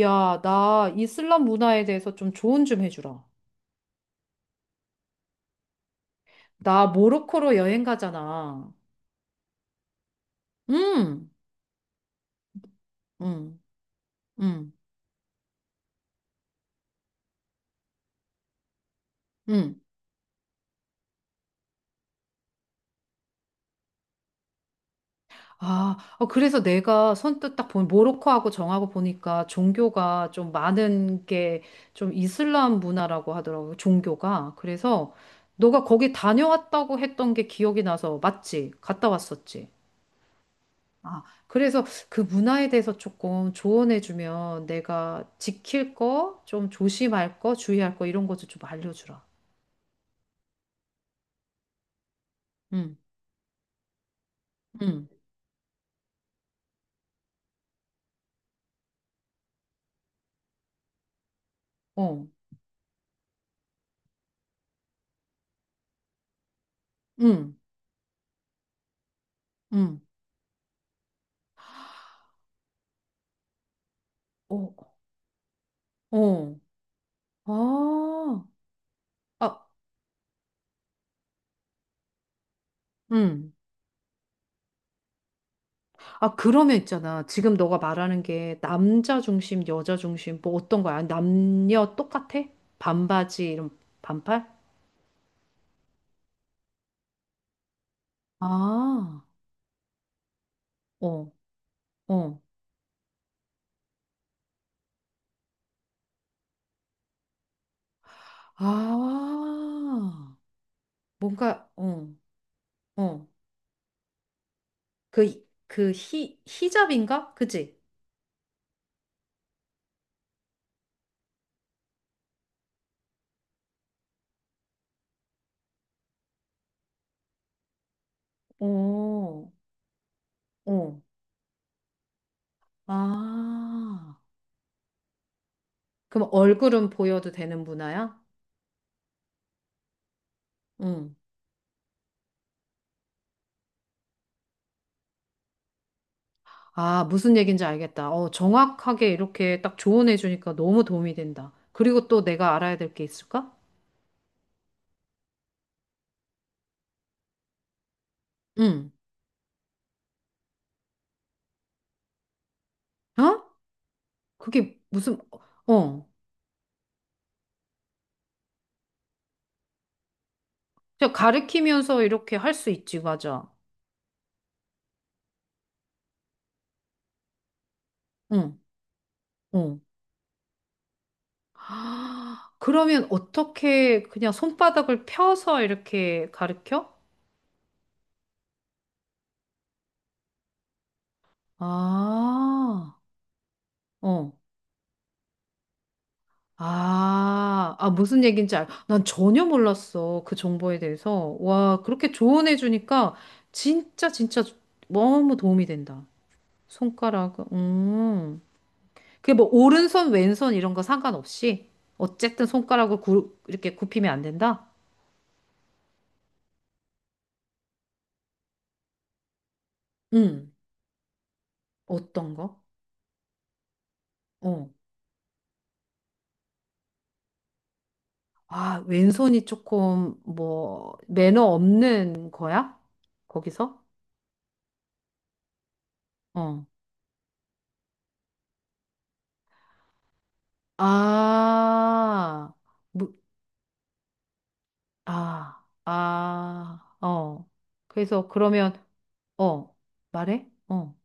야, 나 이슬람 문화에 대해서 좀 조언 좀 해주라. 나 모로코로 여행 가잖아. 응, 응, 응, 응. 아, 어, 그래서 내가 선뜻 딱 보니 모로코하고 정하고 보니까 종교가 좀 많은 게 좀 이슬람 문화라고 하더라고, 종교가. 그래서 너가 거기 다녀왔다고 했던 게 기억이 나서 맞지? 갔다 왔었지? 아, 그래서 그 문화에 대해서 조금 조언해주면 내가 지킬 거, 좀 조심할 거, 주의할 거 이런 것도 좀 알려주라. 응, 응, 어, 응, 응, 어, 어. 아, 아, 응. 아, 그러면 있잖아. 지금 너가 말하는 게 남자 중심, 여자 중심, 뭐 어떤 거야? 남녀 똑같아? 반바지, 이런 반팔? 아, 어, 어. 아, 뭔가, 어, 어. 히잡인가? 그지? 오, 오. 아, 그럼 얼굴은 보여도 되는 문화야? 응. 아, 무슨 얘기인지 알겠다. 어, 정확하게 이렇게 딱 조언해 주니까 너무 도움이 된다. 그리고 또 내가 알아야 될 게 있을까? 응. 어? 그게 무슨, 어. 그냥 가르치면서 이렇게 할 수 있지, 맞아. 응, 응. 아, 그러면 어떻게 그냥 손바닥을 펴서 이렇게 가르쳐? 아. 어. 아, 아, 무슨 얘기인지 난 전혀 몰랐어. 그 정보에 대해서. 와, 그렇게 조언해주니까 진짜, 진짜 너무 도움이 된다. 손가락, 그게 뭐, 오른손, 왼손 이런 거 상관없이? 어쨌든 손가락을 이렇게 굽히면 안 된다? 음. 어떤 거? 어. 아, 왼손이 조금, 뭐, 매너 없는 거야? 거기서? 어. 아. 아, 아, 어. 그래서 그러면, 어, 말해? 어,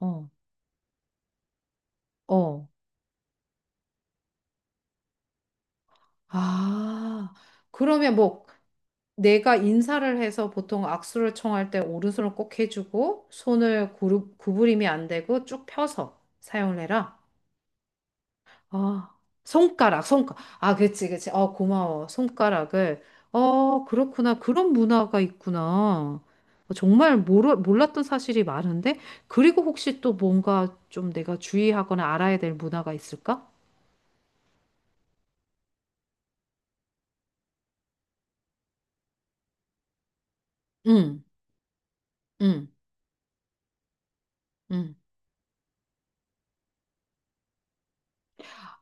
어, 어. 아, 그러면 뭐, 내가 인사를 해서 보통 악수를 청할 때 오른손을 꼭 해주고, 손을 구부림이 안 되고 쭉 펴서 사용을 해라. 아, 손가락, 손가. 아, 그치, 그치. 어, 고마워. 손가락을. 어, 그렇구나. 그런 문화가 있구나. 어, 정말 몰랐던 사실이 많은데? 그리고 혹시 또 뭔가 좀 내가 주의하거나 알아야 될 문화가 있을까? 응, 응, 응.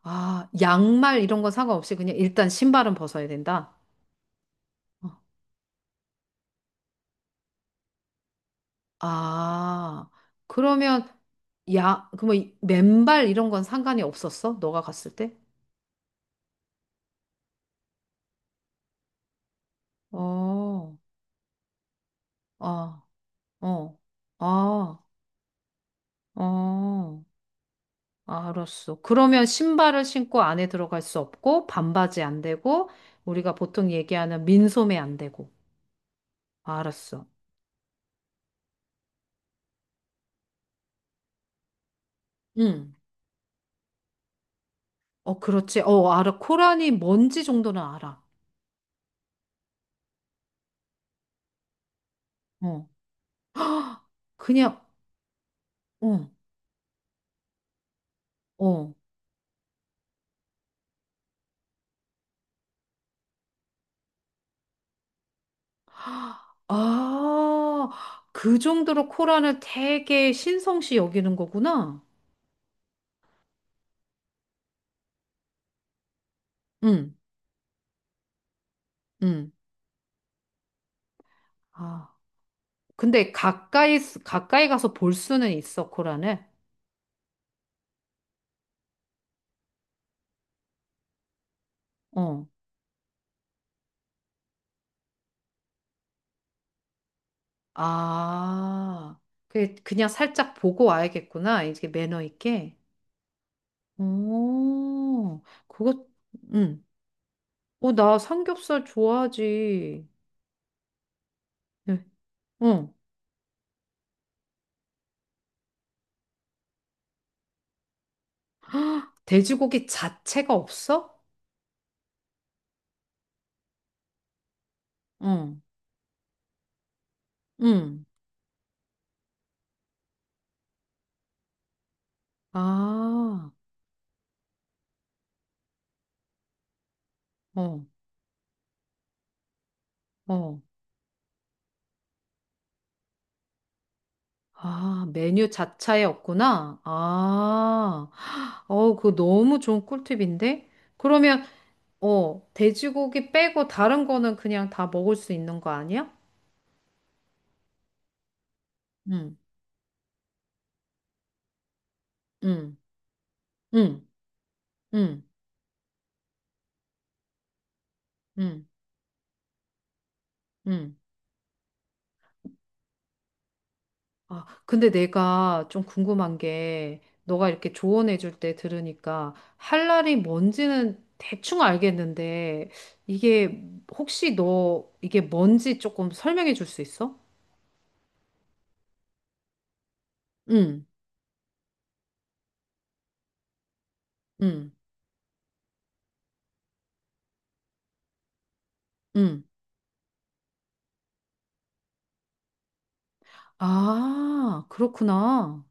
아, 양말 이런 건 상관없이 그냥 일단 신발은 벗어야 된다. 어. 아, 그러면 야, 그뭐 맨발 이런 건 상관이 없었어? 너가 갔을 때? 어, 어. 어. 아, 어. 알았어. 그러면 신발을 신고 안에 들어갈 수 없고, 반바지 안 되고, 우리가 보통 얘기하는 민소매 안 되고. 알았어. 응. 어, 그렇지. 어, 알아. 코란이 뭔지 정도는 알아. 어. 그냥, 어, 어. 아, 그 정도로 코란을 되게 신성시 여기는 거구나. 응, 응. 아. 근데 가까이, 가까이 가서 볼 수는 있어, 코란을. 어. 아, 그 그냥 살짝 보고 와야겠구나. 이게 매너 있게. 오, 그거, 응. 어, 나 삼겹살 좋아하지. 응. 응. 돼지고기 자체가 없어? 응. 응. 아, 어, 어. 아, 메뉴 자체에 없구나. 아, 어, 그거 너무 좋은 꿀팁인데? 그러면, 어, 돼지고기 빼고 다른 거는 그냥 다 먹을 수 있는 거 아니야? 응. 응. 응, 응, 응, 응. 아, 근데 내가 좀 궁금한 게, 너가 이렇게 조언해 줄 때 들으니까, 할랄이 뭔지는 대충 알겠는데, 이게 혹시 너 이게 뭔지 조금 설명해 줄 수 있어? 응, 응, 응. 아, 그렇구나.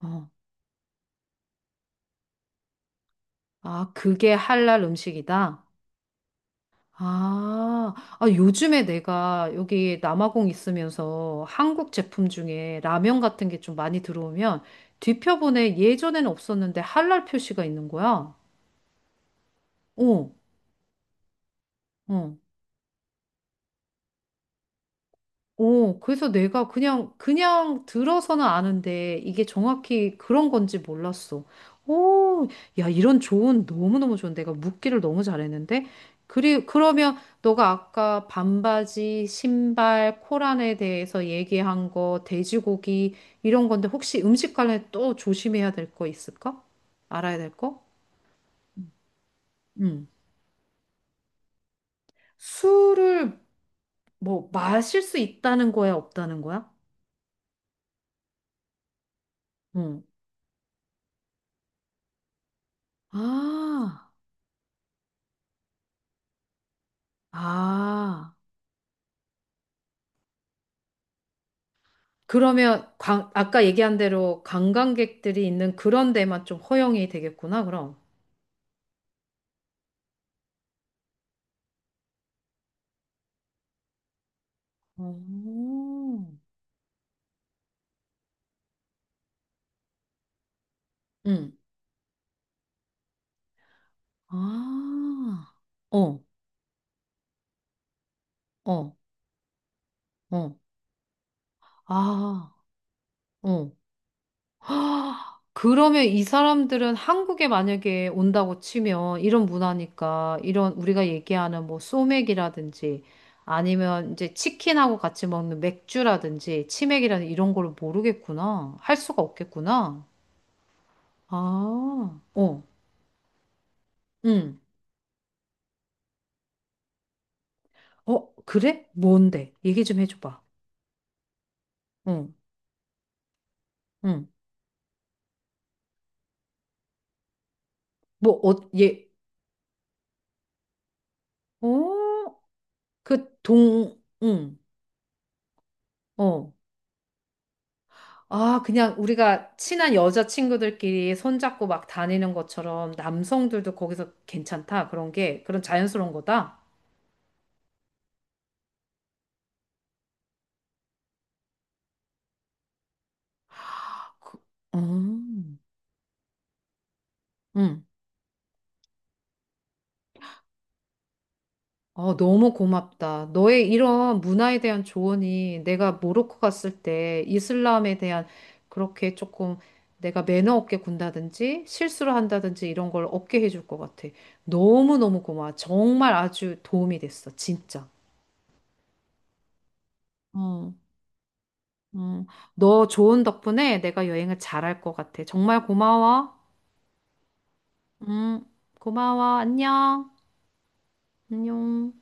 어. 아, 그게 할랄 음식이다? 아, 아, 요즘에 내가 여기 남아공 있으면서 한국 제품 중에 라면 같은 게 좀 많이 들어오면 뒤편에 예전에는 없었는데 할랄 표시가 있는 거야. 어, 어. 오, 그래서 내가 그냥 들어서는 아는데 이게 정확히 그런 건지 몰랐어. 오, 야, 이런 조언 너무너무 좋은데. 내가 묻기를 너무 잘했는데. 그러면 너가 아까 반바지, 신발, 코란에 대해서 얘기한 거, 돼지고기, 이런 건데 혹시 음식 관련해 또 조심해야 될 거 있을까? 알아야 될 거? 응. 술을 뭐 마실 수 있다는 거야, 없다는 거야? 응. 아, 아. 그러면 아까 얘기한 대로 관광객들이 있는 그런 데만 좀 허용이 되겠구나, 그럼. 오. 응. 아, 어, 어, 어. 아, 어. 헉, 그러면 이 사람들은 한국에 만약에 온다고 치면 이런 문화니까 이런 우리가 얘기하는 뭐 소맥이라든지 아니면 이제 치킨하고 같이 먹는 맥주라든지 치맥이라든지 이런 걸 모르겠구나. 할 수가 없겠구나. 아, 어. 응. 어, 그래? 뭔데? 얘기 좀 해줘봐. 응, 응. 뭐, 어, 얘, 어, 그 동, 응, 어. 아, 그냥 우리가 친한 여자친구들끼리 손잡고 막 다니는 것처럼 남성들도 거기서 괜찮다. 그런 게, 그런 자연스러운 거다. 그, 음, 응. 어, 너무 고맙다. 너의 이런 문화에 대한 조언이 내가 모로코 갔을 때 이슬람에 대한 그렇게 조금 내가 매너 없게 군다든지 실수를 한다든지 이런 걸 없게 해줄 것 같아. 너무너무 고마워. 정말 아주 도움이 됐어. 진짜. 응, 응. 너 좋은 덕분에 내가 여행을 잘 할 것 같아. 정말 고마워. 응, 고마워. 안녕. 안녕.